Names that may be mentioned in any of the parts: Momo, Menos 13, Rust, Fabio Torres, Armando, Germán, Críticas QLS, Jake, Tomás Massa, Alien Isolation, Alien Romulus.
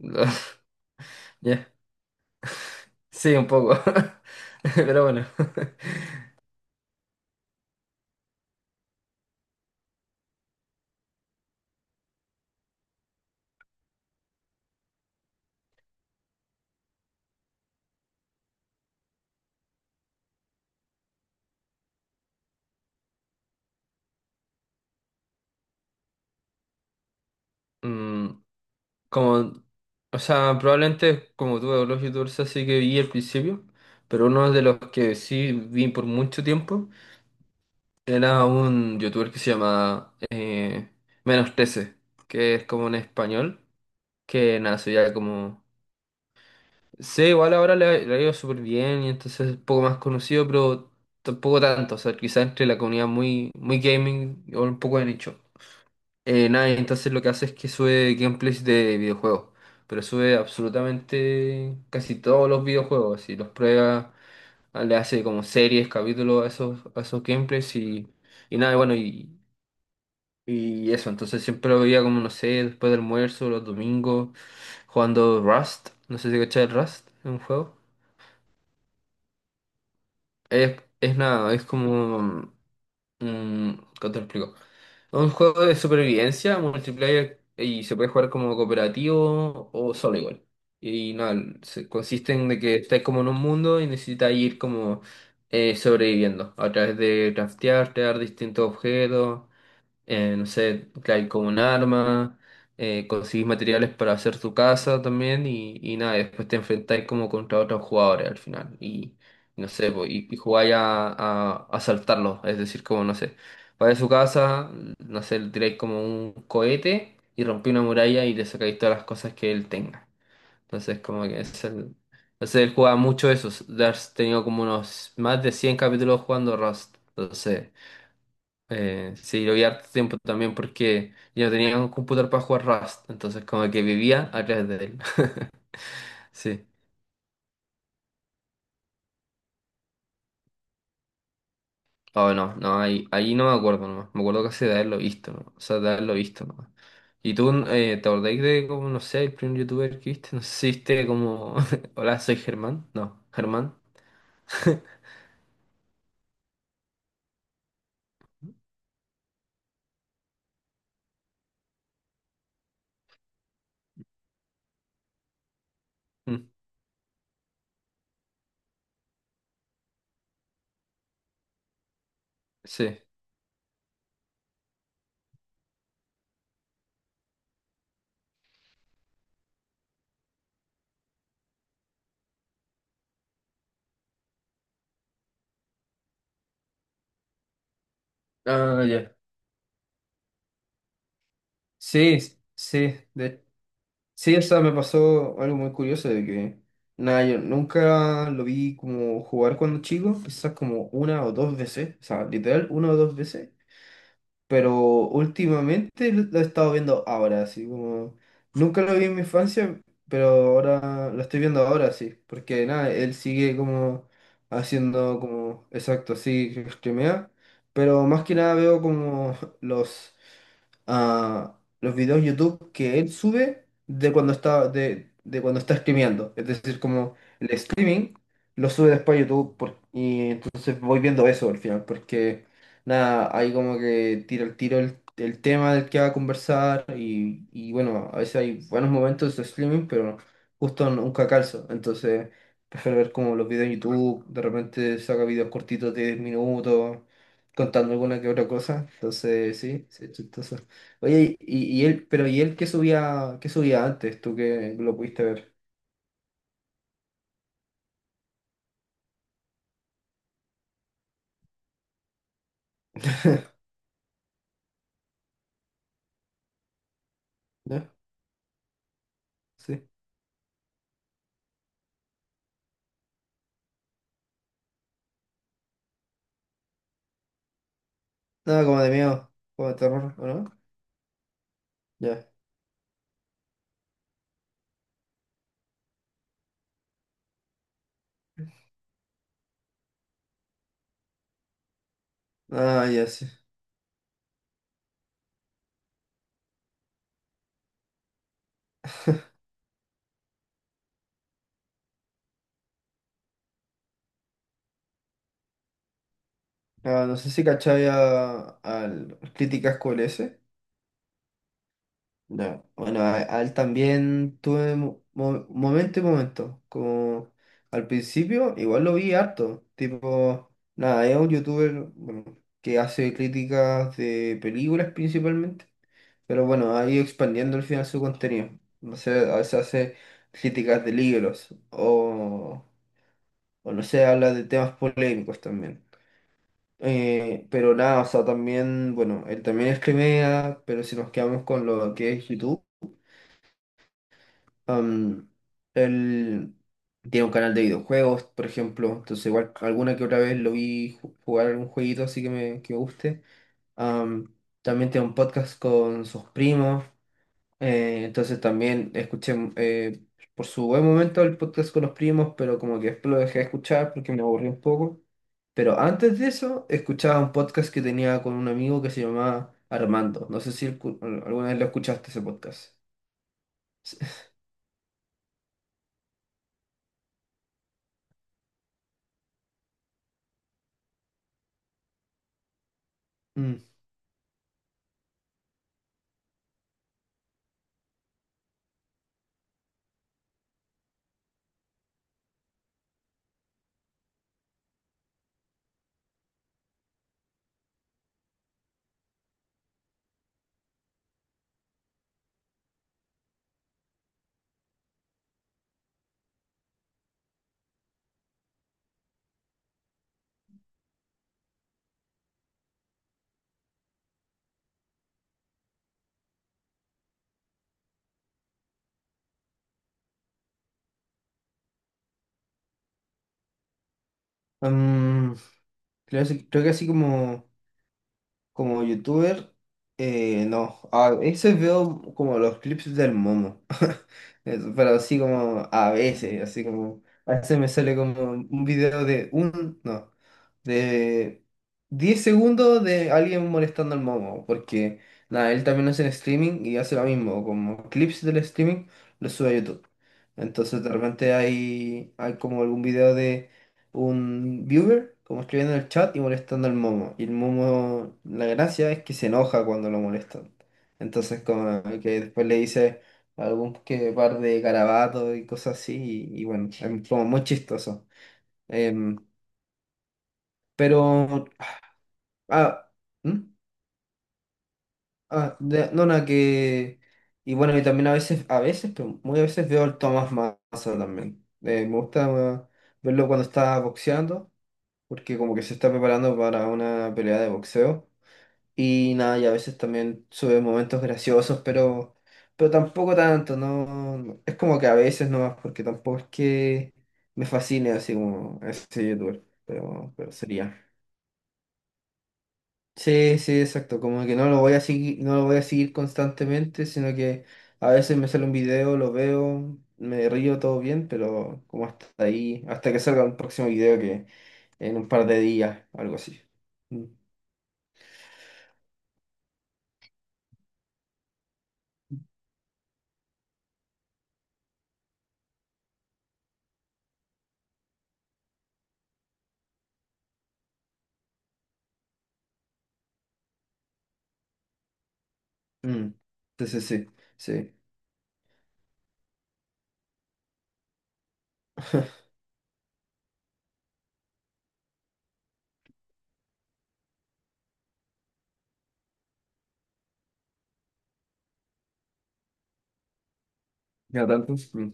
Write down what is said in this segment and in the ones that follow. Ya. Sí, un poco. Pero bueno. Mm, Como, o sea, probablemente como tuve Dolores y Dulce, sí que vi al principio, pero uno de los que sí vi por mucho tiempo era un youtuber que se llama Menos 13, que es como en español, que nada, sería como... Sí, igual ahora le ha ido súper bien y entonces es un poco más conocido, pero tampoco tanto, o sea, quizás entre la comunidad muy, muy gaming o un poco de nicho. Nada, y entonces lo que hace es que sube gameplays de videojuegos, pero sube absolutamente casi todos los videojuegos, y los prueba, ah, le hace como series, capítulos a esos gameplays y nada, y bueno, y eso, entonces siempre lo veía como, no sé, después del almuerzo, los domingos, jugando Rust, no sé si cachai el Rust, es un juego. Es nada, es como... mm, ¿Cómo te lo explico? Es un juego de supervivencia, multiplayer, y se puede jugar como cooperativo o solo igual. Y nada, consiste en de que estáis como en un mundo y necesitáis ir como sobreviviendo a través de craftear, crear distintos objetos, no sé, claro, con un arma, conseguís materiales para hacer tu casa también y nada, y después te enfrentáis como contra otros jugadores al final y no sé, po, y jugáis a asaltarlos, es decir, como no sé, vais a su casa, no sé, le tiráis como un cohete y rompí una muralla y le sacáis todas las cosas que él tenga. Entonces, como que es el... Entonces él jugaba mucho eso, has tenido como unos más de 100 capítulos jugando Rust, entonces... Sí, lo vi harto tiempo también porque yo no tenía un computador para jugar Rust, entonces como que vivía a través de él. Sí. Oh, no, no, ahí no me acuerdo nomás. Me acuerdo casi de haberlo visto, ¿no? O sea, de haberlo visto nomás. ¿Y tú te acordáis de como, no sé, el primer youtuber que viste? No sé si viste como, hola, soy Germán. No, Germán. Mm. Sí. Ah, ya. Sí, sí, de Sí, o sea, me pasó algo muy curioso de que, nada, yo nunca lo vi como jugar cuando chico, quizás como una o dos veces, o sea, literal, una o dos veces, pero últimamente lo he estado viendo ahora, así como, nunca lo vi en mi infancia, pero ahora lo estoy viendo ahora, sí, porque nada, él sigue como haciendo como, exacto, así, que streamea, pero más que nada veo como los a los videos YouTube que él sube de cuando está, de cuando está streameando. Es decir, como streaming, lo sube después a YouTube y entonces voy viendo eso al final, porque nada, ahí como que tiro el tema del que va a conversar y bueno, a veces hay buenos momentos de streaming, pero justo nunca calzo, entonces prefiero ver como los videos en YouTube, de repente saca videos cortitos de 10 minutos, contando alguna que otra cosa, entonces sí, sí, chistoso. Oye, y él, pero ¿y él qué subía antes? Tú que lo pudiste ver. ¿Ya? Sí. No, como de miedo, como de terror, ¿o no? Ya. Ah, ya sí. Ah, no sé si cachaba al Críticas QLS. Ya. Bueno, a él también tuve momento y momento. Como al principio, igual lo vi harto. Tipo, nada, es un youtuber, bueno, que hace críticas de películas principalmente. Pero bueno, ha ido expandiendo al final su contenido. No sé, a veces hace críticas de libros o. O no sé, habla de temas polémicos también. Pero nada, o sea, también, bueno, él también es Crimea, pero si nos quedamos con lo que es YouTube, am, él tiene un canal de videojuegos, por ejemplo, entonces igual alguna que otra vez lo vi jugar algún jueguito así que me guste. Am, También tiene un podcast con sus primos, entonces también escuché por su buen momento el podcast con los primos, pero como que después lo dejé de escuchar porque me aburrí un poco. Pero antes de eso, escuchaba un podcast que tenía con un amigo que se llamaba Armando. No sé si alguna vez lo escuchaste ese podcast. Mm. Mm, creo, Creo que así como... Como youtuber, no. A veces veo como los clips del Momo. Eso. Pero así como a veces, así como. A veces me sale como un video de un. No. De 10 segundos de alguien molestando al Momo. Porque, nada, él también hace el streaming y hace lo mismo. Como clips del streaming, los sube a YouTube. Entonces de repente hay, hay como algún video de un viewer como escribiendo en el chat y molestando al Momo. Y el Momo, la gracia es que se enoja cuando lo molestan. Entonces, como que después le dice algún que par de garabatos y cosas así, y bueno, es como muy chistoso. Em, pero, ah, ¿Hmm? No, nada, que. Y bueno, y también a veces, pero muy a veces veo al Tomás Massa también. Me gusta verlo cuando está boxeando. Porque como que se está preparando para una pelea de boxeo. Y nada, y a veces también sube momentos graciosos, pero tampoco tanto, es como que a veces nomás, porque tampoco es que me fascine así como ese youtuber, pero sería. Sí, sí, exacto, como que no lo voy a seguir, no lo voy a seguir constantemente, sino que a veces me sale un video, lo veo, me río todo bien, pero como hasta ahí, hasta que salga un próximo video que en un par de días, algo así. Mm. Mm. Sí, sí, sí, sí. Ya tanto. Mm.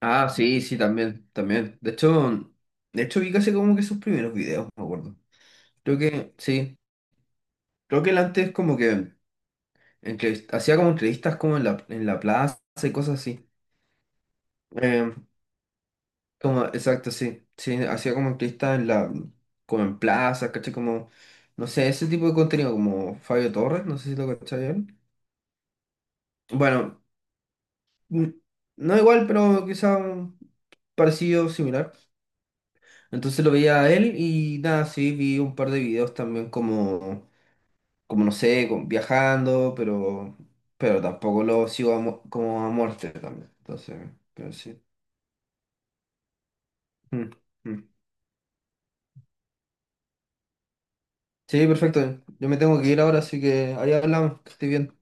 Ah, sí, sí, también, también. De hecho vi casi como que sus primeros videos, me acuerdo. Creo que, sí. Creo que él antes como que hacía como entrevistas como en la plaza y cosas así. Eh, exacto, sí. Sí, hacía como entrevistas en la, como en plazas, caché, como, no sé, ese tipo de contenido, como Fabio Torres, no sé si lo cachai él. Bueno, mm, no igual, pero quizá un parecido, similar. Entonces lo veía a él y nada, sí, vi un par de videos también como, como no sé, viajando, pero tampoco lo sigo a como a muerte también. Entonces, pero sí. Mm, mm. Sí, perfecto. Yo me tengo que ir ahora, así que ahí hablamos, que esté bien.